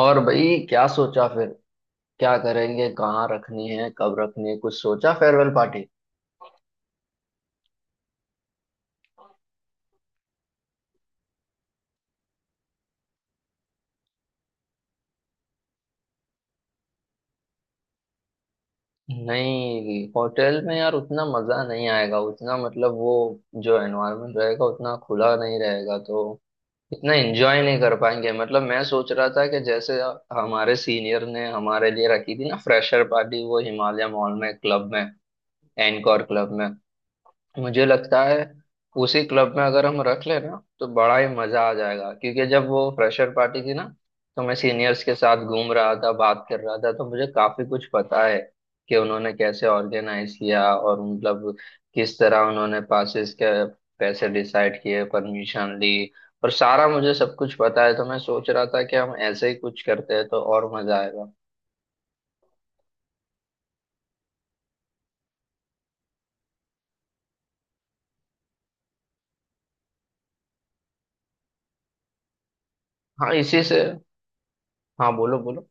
और भाई क्या सोचा फिर? क्या करेंगे? कहाँ रखनी है, कब रखनी है, कुछ सोचा फेयरवेल पार्टी? नहीं, होटल में यार उतना मजा नहीं आएगा, उतना मतलब वो जो एनवायरनमेंट रहेगा उतना खुला नहीं रहेगा, तो इतना एंजॉय नहीं कर पाएंगे। मतलब मैं सोच रहा था कि जैसे हमारे सीनियर ने हमारे लिए रखी थी ना फ्रेशर पार्टी, वो हिमालय मॉल में क्लब में, एनकोर क्लब में। मुझे लगता है उसी क्लब में अगर हम रख लें ना तो बड़ा ही मजा आ जाएगा, क्योंकि जब वो फ्रेशर पार्टी थी ना तो मैं सीनियर्स के साथ घूम रहा था, बात कर रहा था, तो मुझे काफी कुछ पता है कि उन्होंने कैसे ऑर्गेनाइज किया और मतलब किस तरह उन्होंने पासिस के पैसे डिसाइड किए, परमिशन ली, और सारा मुझे सब कुछ पता है। तो मैं सोच रहा था कि हम ऐसे ही कुछ करते हैं तो और मजा आएगा। हाँ इसी से। हाँ, बोलो बोलो।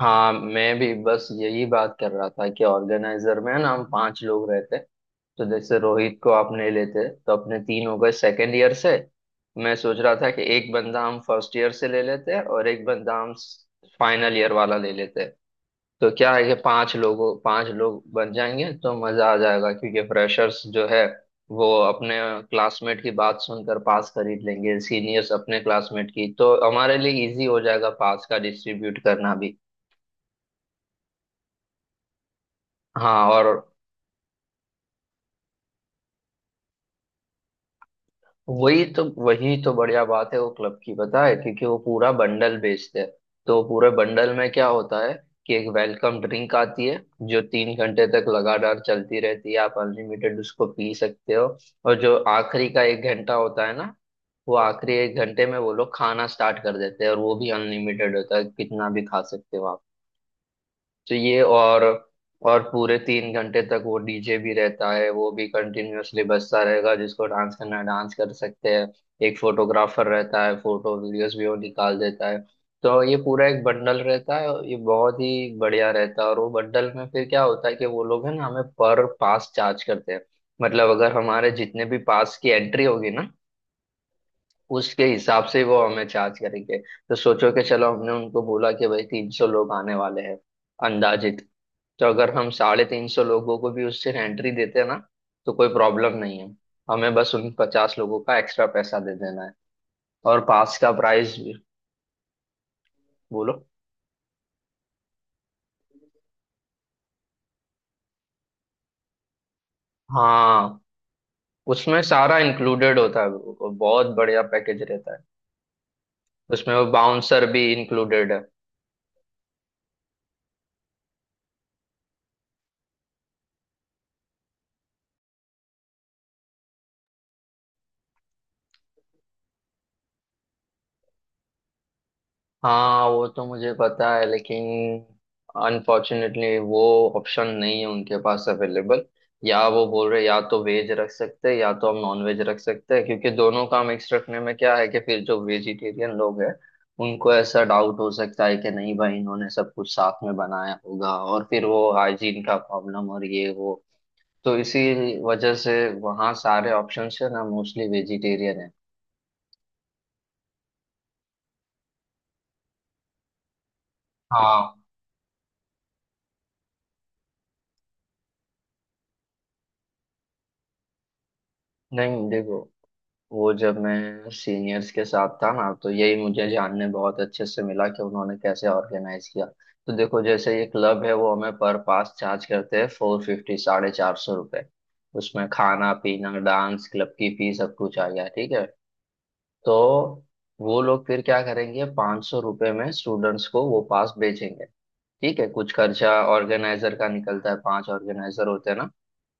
हाँ, मैं भी बस यही बात कर रहा था कि ऑर्गेनाइजर में ना हम पांच लोग रहते, तो जैसे रोहित को आपने लेते तो अपने तीन हो गए सेकेंड ईयर से। मैं सोच रहा था कि एक बंदा हम फर्स्ट ईयर से ले लेते हैं और एक बंदा हम फाइनल ईयर वाला ले लेते हैं। तो क्या है कि पांच लोग बन जाएंगे तो मजा आ जाएगा, क्योंकि फ्रेशर्स जो है वो अपने क्लासमेट की बात सुनकर पास खरीद लेंगे, सीनियर्स अपने क्लासमेट की, तो हमारे लिए इजी हो जाएगा पास का डिस्ट्रीब्यूट करना भी। हाँ और वही तो बढ़िया बात है। वो क्लब की पता है क्योंकि वो पूरा बंडल बेचते हैं। तो पूरे बंडल में क्या होता है कि एक वेलकम ड्रिंक आती है जो 3 घंटे तक लगातार चलती रहती है, आप अनलिमिटेड उसको पी सकते हो। और जो आखिरी का 1 घंटा होता है ना, वो आखिरी 1 घंटे में वो लोग खाना स्टार्ट कर देते हैं और वो भी अनलिमिटेड होता है, कितना भी खा सकते हो। तो ये, और पूरे 3 घंटे तक वो डीजे भी रहता है, वो भी कंटिन्यूअसली बजता रहेगा, जिसको डांस करना है डांस कर सकते हैं। एक फोटोग्राफर रहता है, फोटो वीडियोस भी वो निकाल देता है। तो ये पूरा एक बंडल रहता है और ये बहुत ही बढ़िया रहता है। और वो बंडल में फिर क्या होता है कि वो लोग है ना हमें पर पास चार्ज करते हैं। मतलब अगर हमारे जितने भी पास की एंट्री होगी ना उसके हिसाब से वो हमें चार्ज करेंगे। तो सोचो कि चलो हमने उनको बोला कि भाई 300 लोग आने वाले हैं अंदाजित, तो अगर हम 350 लोगों को भी उससे एंट्री देते हैं ना तो कोई प्रॉब्लम नहीं है। हमें बस उन 50 लोगों का एक्स्ट्रा पैसा दे देना है और पास का प्राइस भी। बोलो। हाँ, उसमें सारा इंक्लूडेड होता है, वो बहुत बढ़िया पैकेज रहता है। उसमें वो बाउंसर भी इंक्लूडेड है। हाँ वो तो मुझे पता है, लेकिन अनफॉर्चुनेटली वो ऑप्शन नहीं है उनके पास अवेलेबल। या वो बोल रहे, या तो वेज रख सकते हैं या तो हम नॉन वेज रख सकते हैं, क्योंकि दोनों का मिक्स रखने में क्या है कि फिर जो वेजिटेरियन लोग हैं उनको ऐसा डाउट हो सकता है कि नहीं भाई इन्होंने सब कुछ साथ में बनाया होगा, और फिर वो हाइजीन का प्रॉब्लम और ये वो, तो इसी वजह से वहाँ सारे ऑप्शंस है ना, मोस्टली वेजिटेरियन है। हाँ नहीं देखो, वो जब मैं सीनियर्स के साथ था ना तो यही मुझे जानने बहुत अच्छे से मिला कि उन्होंने कैसे ऑर्गेनाइज किया। तो देखो जैसे ये क्लब है वो हमें पर पास चार्ज करते हैं, 450, 450 रुपये। उसमें खाना पीना डांस क्लब की फीस सब कुछ आ गया, ठीक है। तो वो लोग फिर क्या करेंगे, 500 रुपये में स्टूडेंट्स को वो पास बेचेंगे। ठीक है, कुछ खर्चा ऑर्गेनाइजर का निकलता है, पांच ऑर्गेनाइजर होते हैं ना,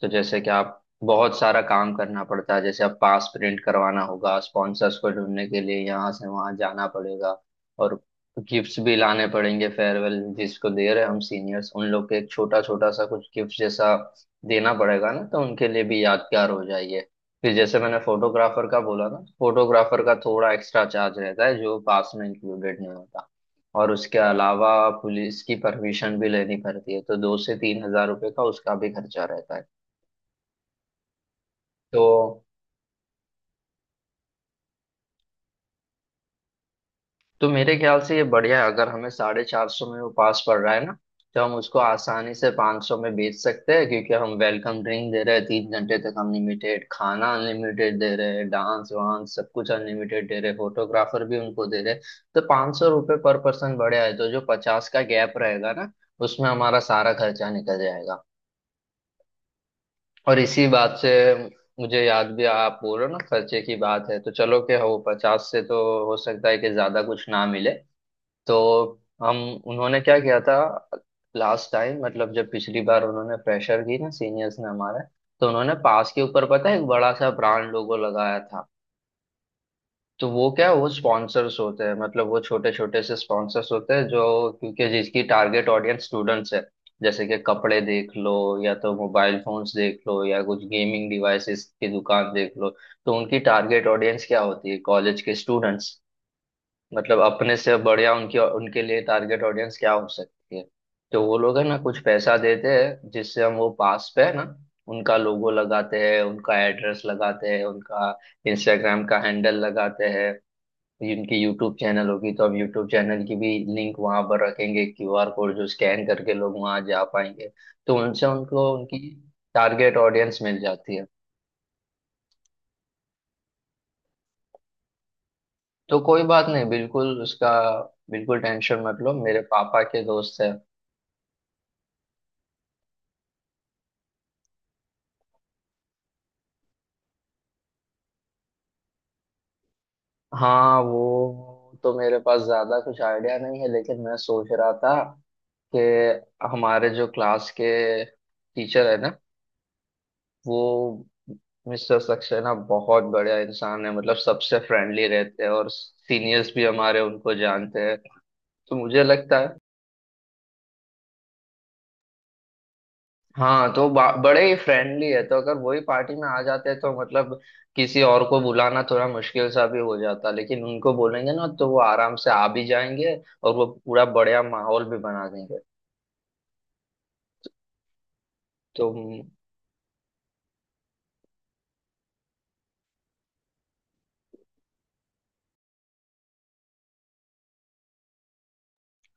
तो जैसे कि आप, बहुत सारा काम करना पड़ता है। जैसे आप पास प्रिंट करवाना होगा, स्पॉन्सर्स को ढूंढने के लिए यहाँ से वहाँ जाना पड़ेगा, और गिफ्ट्स भी लाने पड़ेंगे। फेयरवेल जिसको दे रहे हैं हम सीनियर्स उन लोग के, एक छोटा छोटा सा कुछ गिफ्ट जैसा देना पड़ेगा ना तो उनके लिए भी यादगार हो जाइए। फिर जैसे मैंने फोटोग्राफर का बोला ना, फोटोग्राफर का थोड़ा एक्स्ट्रा चार्ज रहता है जो पास में इंक्लूडेड नहीं होता। और उसके अलावा पुलिस की परमिशन भी लेनी पड़ती है, तो 2 से 3 हजार रुपये का उसका भी खर्चा रहता है। तो तो मेरे ख्याल से ये बढ़िया है, अगर हमें 450 में वो पास पड़ रहा है ना, तो हम उसको आसानी से 500 में बेच सकते हैं, क्योंकि हम वेलकम ड्रिंक दे रहे हैं 3 घंटे तक अनलिमिटेड, खाना अनलिमिटेड दे रहे हैं, डांस वांस सब कुछ अनलिमिटेड दे रहे हैं, फोटोग्राफर भी उनको दे रहे हैं। तो 500 रुपये पर पर्सन बढ़िया है। तो जो 50 का गैप रहेगा ना उसमें हमारा सारा खर्चा निकल जाएगा। और इसी बात से मुझे याद भी आया, आप बोलो ना, खर्चे की बात है तो चलो, कि वो 50 से तो हो सकता है कि ज्यादा कुछ ना मिले। तो हम, उन्होंने क्या किया था लास्ट टाइम, मतलब जब पिछली बार उन्होंने प्रेशर की ना सीनियर्स ने हमारे, तो उन्होंने पास के ऊपर पता है एक बड़ा सा ब्रांड लोगो लगाया था। तो वो क्या, वो स्पॉन्सर्स होते हैं, मतलब वो छोटे छोटे से स्पॉन्सर्स होते हैं, जो, क्योंकि जिसकी टारगेट ऑडियंस स्टूडेंट्स है, जैसे कि कपड़े देख लो, या तो मोबाइल फोन्स देख लो, या कुछ गेमिंग डिवाइसेस की दुकान देख लो, तो उनकी टारगेट ऑडियंस क्या होती है, कॉलेज के स्टूडेंट्स। मतलब अपने से बढ़िया उनकी उनके लिए टारगेट ऑडियंस क्या हो सकती है? तो वो लोग है ना कुछ पैसा देते हैं, जिससे हम वो पास पे है ना उनका लोगो लगाते हैं, उनका एड्रेस लगाते हैं, उनका इंस्टाग्राम का हैंडल लगाते हैं, उनकी यूट्यूब चैनल होगी तो हम यूट्यूब चैनल की भी लिंक वहां पर रखेंगे, क्यूआर कोड जो स्कैन करके लोग वहां जा पाएंगे। तो उनसे उनको उनकी टारगेट ऑडियंस मिल जाती है। तो कोई बात नहीं, बिल्कुल उसका बिल्कुल टेंशन मत लो, मेरे पापा के दोस्त है। हाँ, वो तो मेरे पास ज्यादा कुछ आइडिया नहीं है, लेकिन मैं सोच रहा था कि हमारे जो क्लास के टीचर है ना, वो मिस्टर सक्सेना बहुत बढ़िया इंसान है, मतलब सबसे फ्रेंडली रहते हैं और सीनियर्स भी हमारे उनको जानते हैं, तो मुझे लगता है। हाँ तो बड़े ही फ्रेंडली है, तो अगर वही पार्टी में आ जाते तो मतलब किसी और को बुलाना थोड़ा मुश्किल सा भी हो जाता, लेकिन उनको बोलेंगे ना तो वो आराम से आ भी जाएंगे और वो पूरा बढ़िया माहौल भी बना देंगे। तो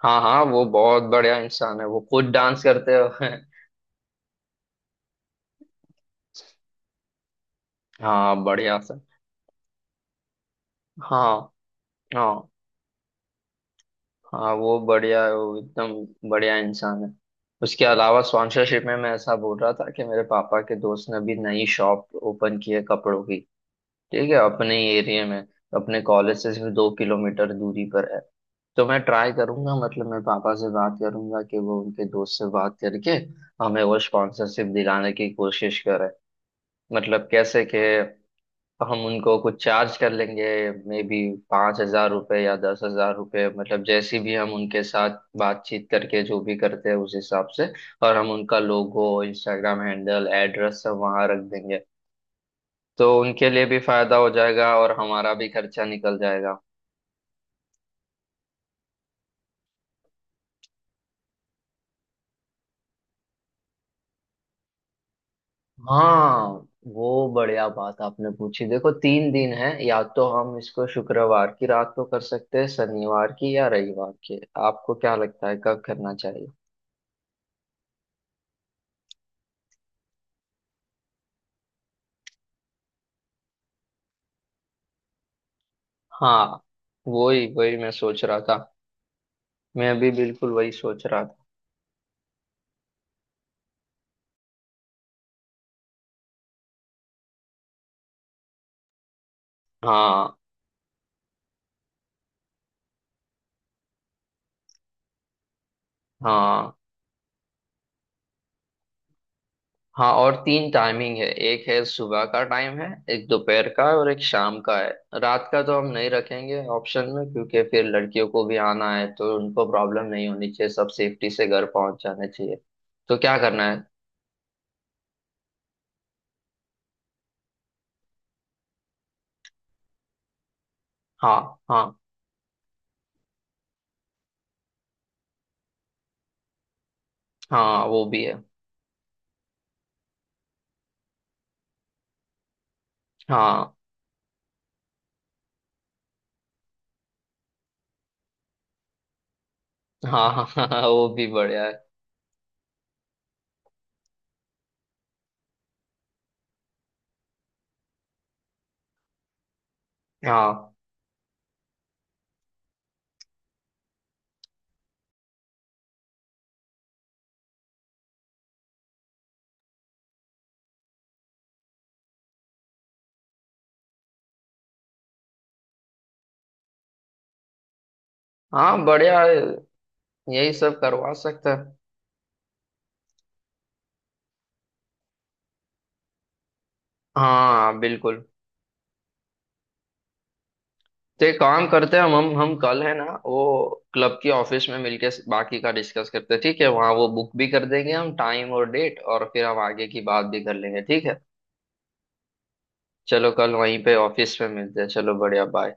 हाँ हाँ वो बहुत बढ़िया इंसान है, वो खुद डांस करते हो हाँ बढ़िया सर। हाँ, हाँ, हाँ वो बढ़िया है, वो एकदम बढ़िया इंसान है। उसके अलावा स्पॉन्सरशिप में मैं ऐसा बोल रहा था कि मेरे पापा के दोस्त ने भी नई शॉप ओपन की है कपड़ों की। ठीक है, अपने एरिया में, अपने कॉलेज से सिर्फ 2 किलोमीटर दूरी पर है। तो मैं ट्राई करूंगा, मतलब मैं पापा से बात करूंगा कि वो उनके दोस्त से बात करके हमें वो स्पॉन्सरशिप दिलाने की कोशिश करें। मतलब कैसे, कि हम उनको कुछ चार्ज कर लेंगे, मे बी 5 हजार रुपये या 10 हजार रुपये, मतलब जैसी भी हम उनके साथ बातचीत करके जो भी करते हैं उस हिसाब से। और हम उनका लोगो, इंस्टाग्राम हैंडल, एड्रेस सब वहाँ रख देंगे, तो उनके लिए भी फायदा हो जाएगा और हमारा भी खर्चा निकल जाएगा। हाँ, वो बढ़िया बात आपने पूछी। देखो 3 दिन है, या तो हम इसको शुक्रवार की रात को कर सकते हैं, शनिवार की या रविवार की। आपको क्या लगता है कब करना चाहिए? हाँ, वही वही मैं सोच रहा था। मैं भी बिल्कुल वही सोच रहा था। हाँ हाँ हाँ। और तीन टाइमिंग है, एक है सुबह का टाइम है, एक दोपहर का है और एक शाम का है। रात का तो हम नहीं रखेंगे ऑप्शन में, क्योंकि फिर लड़कियों को भी आना है तो उनको प्रॉब्लम नहीं होनी चाहिए, सब सेफ्टी से घर पहुंच जाना चाहिए। तो क्या करना है? हाँ हाँ, हाँ वो भी है। हाँ हाँ हाँ, हाँ, हाँ वो भी बढ़िया है। हाँ हाँ बढ़िया है, यही सब करवा सकता है। हाँ बिल्कुल। तो एक काम करते हैं, हम कल है ना वो क्लब की ऑफिस में मिलके बाकी का डिस्कस करते हैं, ठीक है, वहाँ वो बुक भी कर देंगे हम टाइम और डेट, और फिर हम आगे की बात भी कर लेंगे, ठीक है। चलो कल वहीं पे ऑफिस में मिलते हैं, चलो बढ़िया बाय।